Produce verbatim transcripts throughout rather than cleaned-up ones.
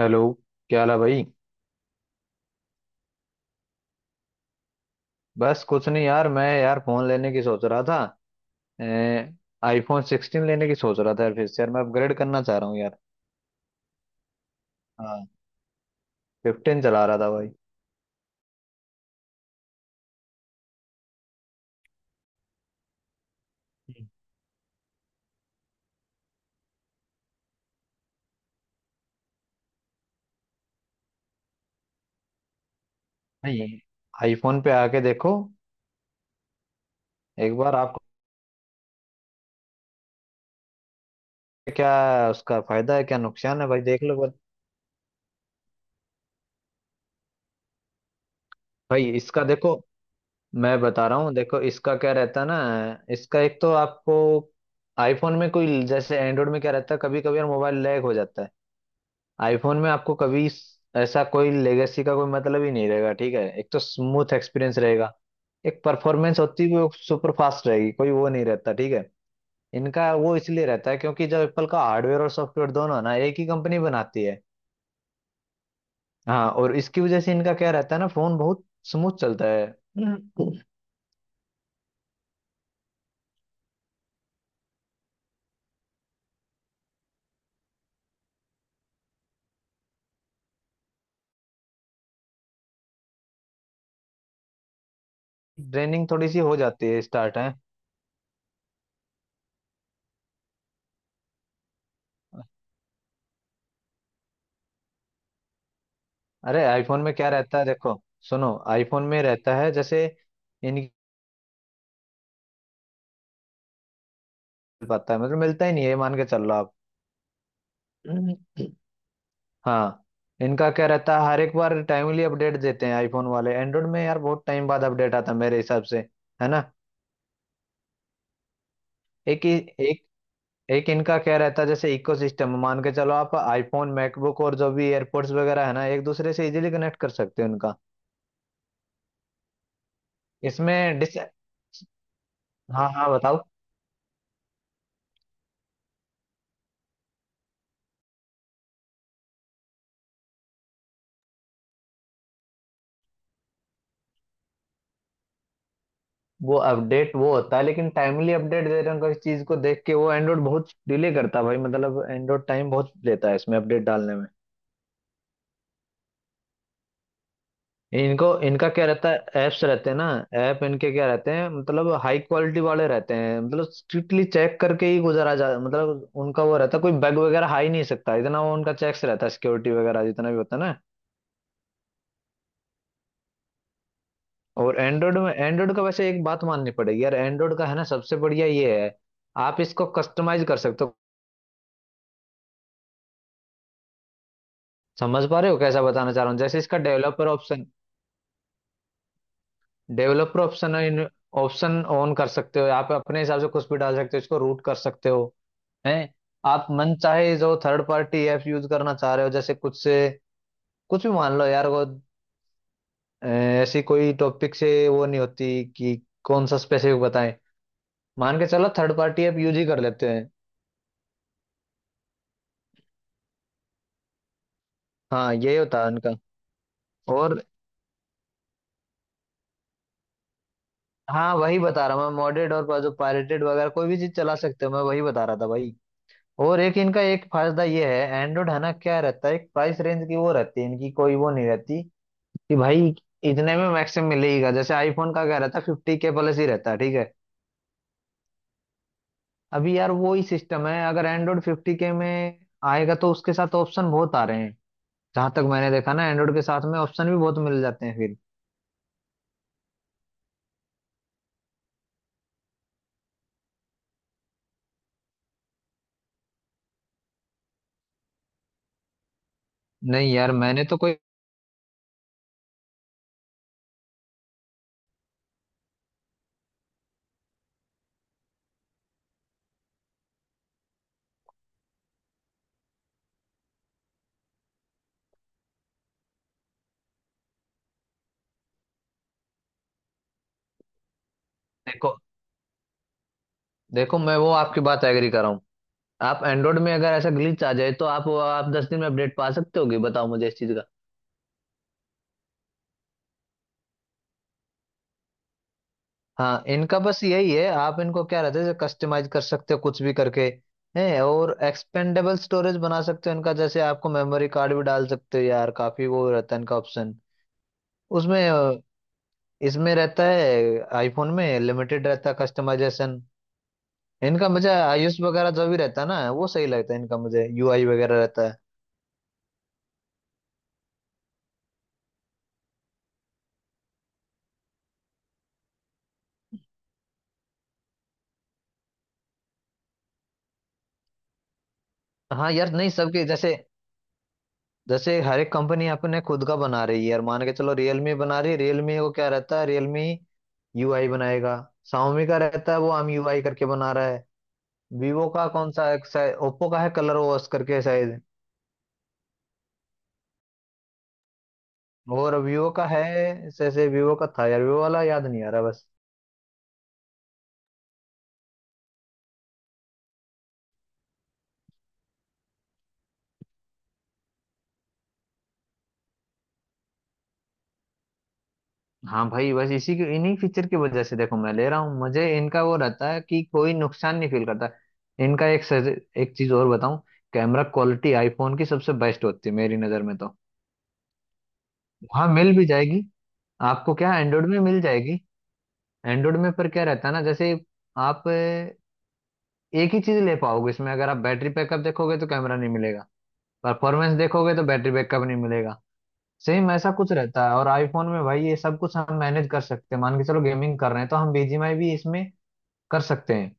Hello. क्या हाल है भाई। बस कुछ नहीं यार, मैं यार फोन लेने की सोच रहा था। आईफोन सिक्सटीन लेने की सोच रहा था यार, फिर से यार मैं अपग्रेड करना चाह रहा हूँ यार। हाँ। फिफ्टीन चला रहा था भाई। नहीं, आईफोन पे आके देखो एक बार आपको। क्या उसका फायदा है, क्या नुकसान है भाई, देख लो बस। भाई इसका देखो, मैं बता रहा हूँ। देखो, इसका क्या रहता है ना, इसका एक तो आपको आईफोन में कोई, जैसे एंड्रॉइड में क्या रहता है कभी कभी यार मोबाइल लैग हो जाता है। आईफोन में आपको कभी स- ऐसा कोई लेगेसी का कोई मतलब ही नहीं रहेगा, ठीक है। एक तो स्मूथ एक्सपीरियंस रहेगा। एक परफॉर्मेंस होती है, वो सुपर फास्ट रहेगी, कोई वो नहीं रहता, ठीक है। इनका वो इसलिए रहता है क्योंकि जब एप्पल का हार्डवेयर और सॉफ्टवेयर दोनों है ना, एक ही कंपनी बनाती है। हाँ, और इसकी वजह से इनका क्या रहता है ना, फोन बहुत स्मूथ चलता है। ड्रेनिंग थोड़ी सी हो जाती है, स्टार्ट है। अरे आईफोन में क्या रहता है देखो, सुनो आईफोन में रहता है जैसे इनकी, पाता है मतलब मिलता ही नहीं है, मान के चल रहा आप। हाँ, इनका क्या रहता है, हर एक बार टाइमली अपडेट देते हैं आईफोन वाले। एंड्रॉइड में यार बहुत टाइम बाद अपडेट आता है मेरे हिसाब से, है ना। एक ही एक एक इनका क्या रहता है जैसे इकोसिस्टम, मान के चलो आप आईफोन मैकबुक और जो भी एयरपोर्ट्स वगैरह है ना, एक दूसरे से इजीली कनेक्ट कर सकते हो इनका। इसमें डिस हाँ, हाँ, बताओ। वो अपडेट वो होता है, लेकिन टाइमली अपडेट दे रहे हैं उनको, इस चीज को देख के। वो एंड्रॉइड बहुत डिले करता है भाई, मतलब एंड्रॉइड टाइम बहुत लेता है इसमें अपडेट डालने में। इनको, इनका क्या रहता है, ऐप्स रहते हैं ना। ऐप इनके क्या रहते हैं, मतलब हाई क्वालिटी वाले रहते हैं, मतलब स्ट्रिक्टली चेक करके ही गुजारा जा, मतलब उनका वो रहता है, कोई बैग वगैरह आ ही नहीं सकता, इतना वो उनका चेक्स रहता है, सिक्योरिटी वगैरह जितना भी होता है ना। और एंड्रॉइड में, एंड्रॉइड का वैसे एक बात माननी पड़ेगी यार, एंड्रॉइड का है ना सबसे बढ़िया ये है, आप इसको कस्टमाइज कर सकते हो। समझ पा रहे हो कैसा बताना चाह रहा हूँ, जैसे इसका developer option developer option option on कर सकते हो, आप अपने हिसाब से कुछ भी डाल सकते हो, इसको रूट कर सकते हो। हैं, आप मन चाहे जो थर्ड पार्टी ऐप यूज करना चाह रहे हो, जैसे कुछ से कुछ भी मान लो यार वो अ, ऐसी कोई टॉपिक से वो नहीं होती कि कौन सा स्पेसिफिक बताएं, मान के चलो थर्ड पार्टी ऐप यूज ही कर लेते हैं। हाँ, ये होता है उनका, और हाँ वही बता रहा हूँ मैं, मॉडेड और जो पायरेटेड वगैरह कोई भी चीज चला सकते हो, मैं वही बता रहा था भाई। और एक इनका एक फायदा ये है, एंड्रॉइड है ना, क्या रहता है, एक प्राइस रेंज की वो रहती है इनकी, कोई वो नहीं रहती कि भाई इतने में मैक्सिमम मिलेगा। जैसे आईफोन का क्या रहता है, फिफ्टी के प्लस ही रहता है, ठीक है। अभी यार वो ही सिस्टम है, अगर एंड्रॉइड फिफ्टी के में आएगा तो उसके साथ ऑप्शन बहुत आ रहे हैं। जहां तक मैंने देखा ना, एंड्रॉइड के साथ में ऑप्शन भी बहुत मिल जाते हैं फिर। नहीं यार मैंने तो कोई, देखो, देखो मैं वो आपकी बात एग्री कर रहा हूँ। आप एंड्रॉइड में अगर ऐसा ग्लिच आ जाए तो आप आप दस दिन में अपडेट पा सकते होगे, बताओ मुझे इस चीज का। हाँ, इनका बस यही है, आप इनको क्या रहता है कस्टमाइज कर सकते हो, कुछ भी करके। है, और एक्सपेंडेबल स्टोरेज बना सकते हो इनका, जैसे आपको मेमोरी कार्ड भी डाल सकते हो यार, काफी वो रहता है इनका ऑप्शन उसमें। इसमें रहता है, आईफोन में लिमिटेड रहता है कस्टमाइजेशन। इनका मुझे आयुष वगैरह जो भी रहता है ना, वो सही लगता है इनका मुझे, यूआई वगैरह रहता है। हाँ यार, नहीं सबके जैसे, जैसे हर एक कंपनी अपने खुद का बना रही है यार, मान के चलो रियलमी बना रही है, रियलमी को क्या रहता है, रियलमी यूआई बनाएगा। शाओमी का रहता है वो हम यूआई करके बना रहा है। वीवो का कौन सा एक, शायद ओप्पो का है कलर ओएस करके शायद, और वीवो का है, जैसे वीवो का था यार, वीवो वाला याद नहीं आ रहा बस। हाँ भाई, बस इसी की, इन्हीं फीचर की वजह से देखो मैं ले रहा हूँ, मुझे इनका वो रहता है कि कोई नुकसान नहीं फील करता इनका। एक सज, एक चीज और बताऊं, कैमरा क्वालिटी आईफोन की सबसे बेस्ट होती है मेरी नज़र में तो। हाँ, मिल भी जाएगी आपको, क्या एंड्रॉइड में मिल जाएगी। एंड्रॉइड में पर क्या रहता है ना जैसे, आप अ, एक ही चीज ले पाओगे इसमें। अगर आप बैटरी बैकअप देखोगे तो कैमरा नहीं मिलेगा, परफॉर्मेंस देखोगे तो बैटरी बैकअप नहीं मिलेगा, सेम ऐसा कुछ रहता है। और आईफोन में भाई ये सब कुछ हम मैनेज कर सकते हैं, मान के चलो गेमिंग कर रहे हैं तो हम बीजीएमआई भी इसमें कर सकते हैं।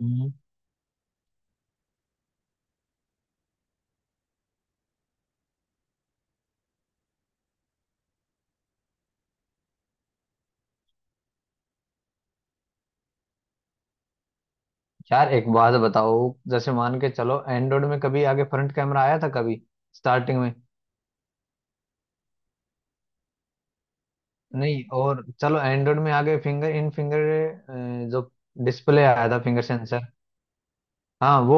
हम्म। यार एक बात बताओ, जैसे मान के चलो एंड्रॉइड में कभी आगे फ्रंट कैमरा आया था कभी, स्टार्टिंग में? नहीं, और चलो एंड्रॉइड में आगे फिंगर इन फिंगर जो डिस्प्ले आया था, फिंगर सेंसर। हाँ वो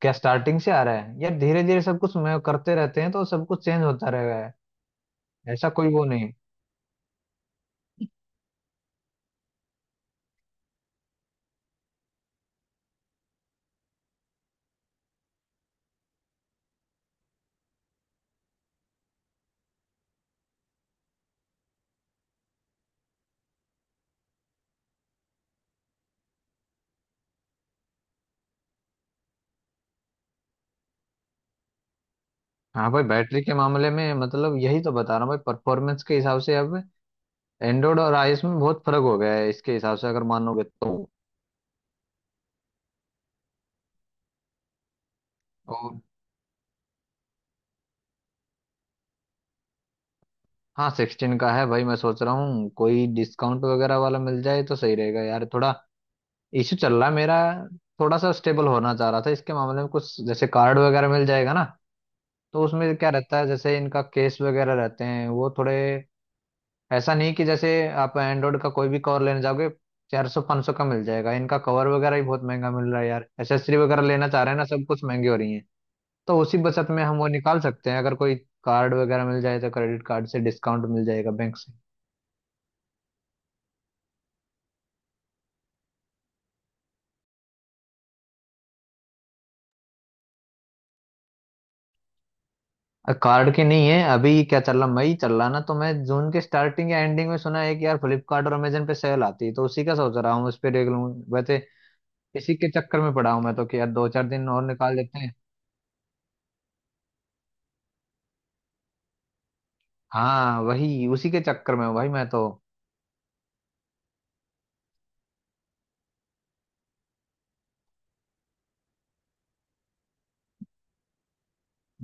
क्या स्टार्टिंग से आ रहा है यार, धीरे धीरे सब कुछ मैं करते रहते हैं तो सब कुछ चेंज होता रहेगा है, ऐसा कोई वो नहीं है। हाँ भाई, बैटरी के मामले में मतलब यही तो बता रहा हूँ भाई, परफॉर्मेंस के हिसाब से अब एंड्रॉइड और आईओएस में बहुत फर्क हो गया है इसके हिसाब से, अगर मानोगे तो। और हाँ, सिक्सटीन का है भाई, मैं सोच रहा हूँ कोई डिस्काउंट वगैरह वाला मिल जाए तो सही रहेगा यार। थोड़ा इश्यू चल रहा है मेरा, थोड़ा सा स्टेबल होना चाह रहा था इसके मामले में। कुछ जैसे कार्ड वगैरह मिल जाएगा ना, तो उसमें क्या रहता है, जैसे इनका केस वगैरह रहते हैं वो थोड़े, ऐसा नहीं कि जैसे आप एंड्रॉइड का कोई भी कवर लेने जाओगे, चार सौ पाँच सौ का मिल जाएगा। इनका कवर वगैरह ही बहुत महंगा मिल रहा है यार, एसेसरी वगैरह लेना चाह रहे हैं ना, सब कुछ महंगी हो रही है। तो उसी बचत में हम वो निकाल सकते हैं, अगर कोई कार्ड वगैरह मिल जाए, तो क्रेडिट कार्ड से डिस्काउंट मिल जाएगा बैंक कार्ड की। नहीं है अभी, क्या चल रहा, मई चल रहा ना, तो मैं जून के स्टार्टिंग या एंडिंग में सुना है कि यार फ्लिपकार्ट और अमेजन पे सेल आती है, तो उसी का सोच रहा हूँ, उस पे देख लूँ वैसे। इसी के चक्कर में पड़ा हूँ मैं तो, कि यार दो चार दिन और निकाल लेते हैं। हाँ, वही उसी के चक्कर में हूँ भाई मैं तो।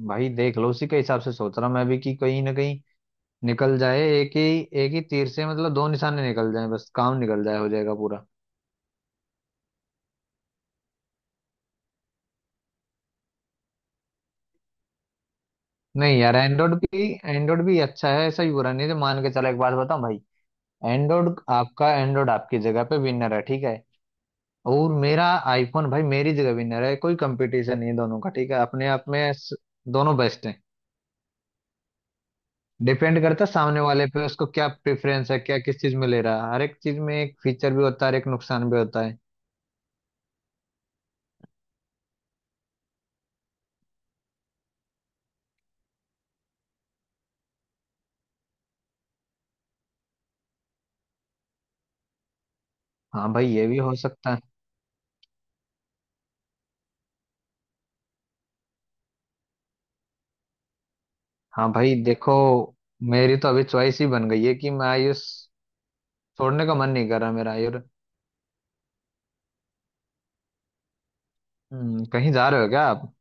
भाई देख लो, उसी के हिसाब से सोच रहा हूँ मैं भी, कि कहीं ना कहीं निकल जाए एक ही, एक ही तीर से मतलब दो निशाने निकल जाए, बस काम निकल जाए, हो जाएगा पूरा। नहीं यार, एंड्रॉइड भी एंड्रॉइड भी अच्छा है, ऐसा ही बुरा नहीं है। तो मान के चलो, एक बात बताऊँ भाई, एंड्रॉइड आपका एंड्रॉइड आपकी जगह पे विनर है, ठीक है। और मेरा आईफोन भाई मेरी जगह विनर है, कोई कंपटीशन नहीं है दोनों का, ठीक है। अपने आप में स- दोनों बेस्ट हैं। डिपेंड करता है सामने वाले पे, उसको क्या प्रेफरेंस है, क्या किस चीज में ले रहा है, हर एक चीज में एक फीचर भी होता है, हर एक नुकसान भी होता है। हाँ भाई, ये भी हो सकता है। हाँ भाई देखो, मेरी तो अभी चॉइस ही बन गई है कि मैं आयुष छोड़ने का मन नहीं कर रहा मेरा आयुर। हम्म, कहीं जा रहे हो क्या आप?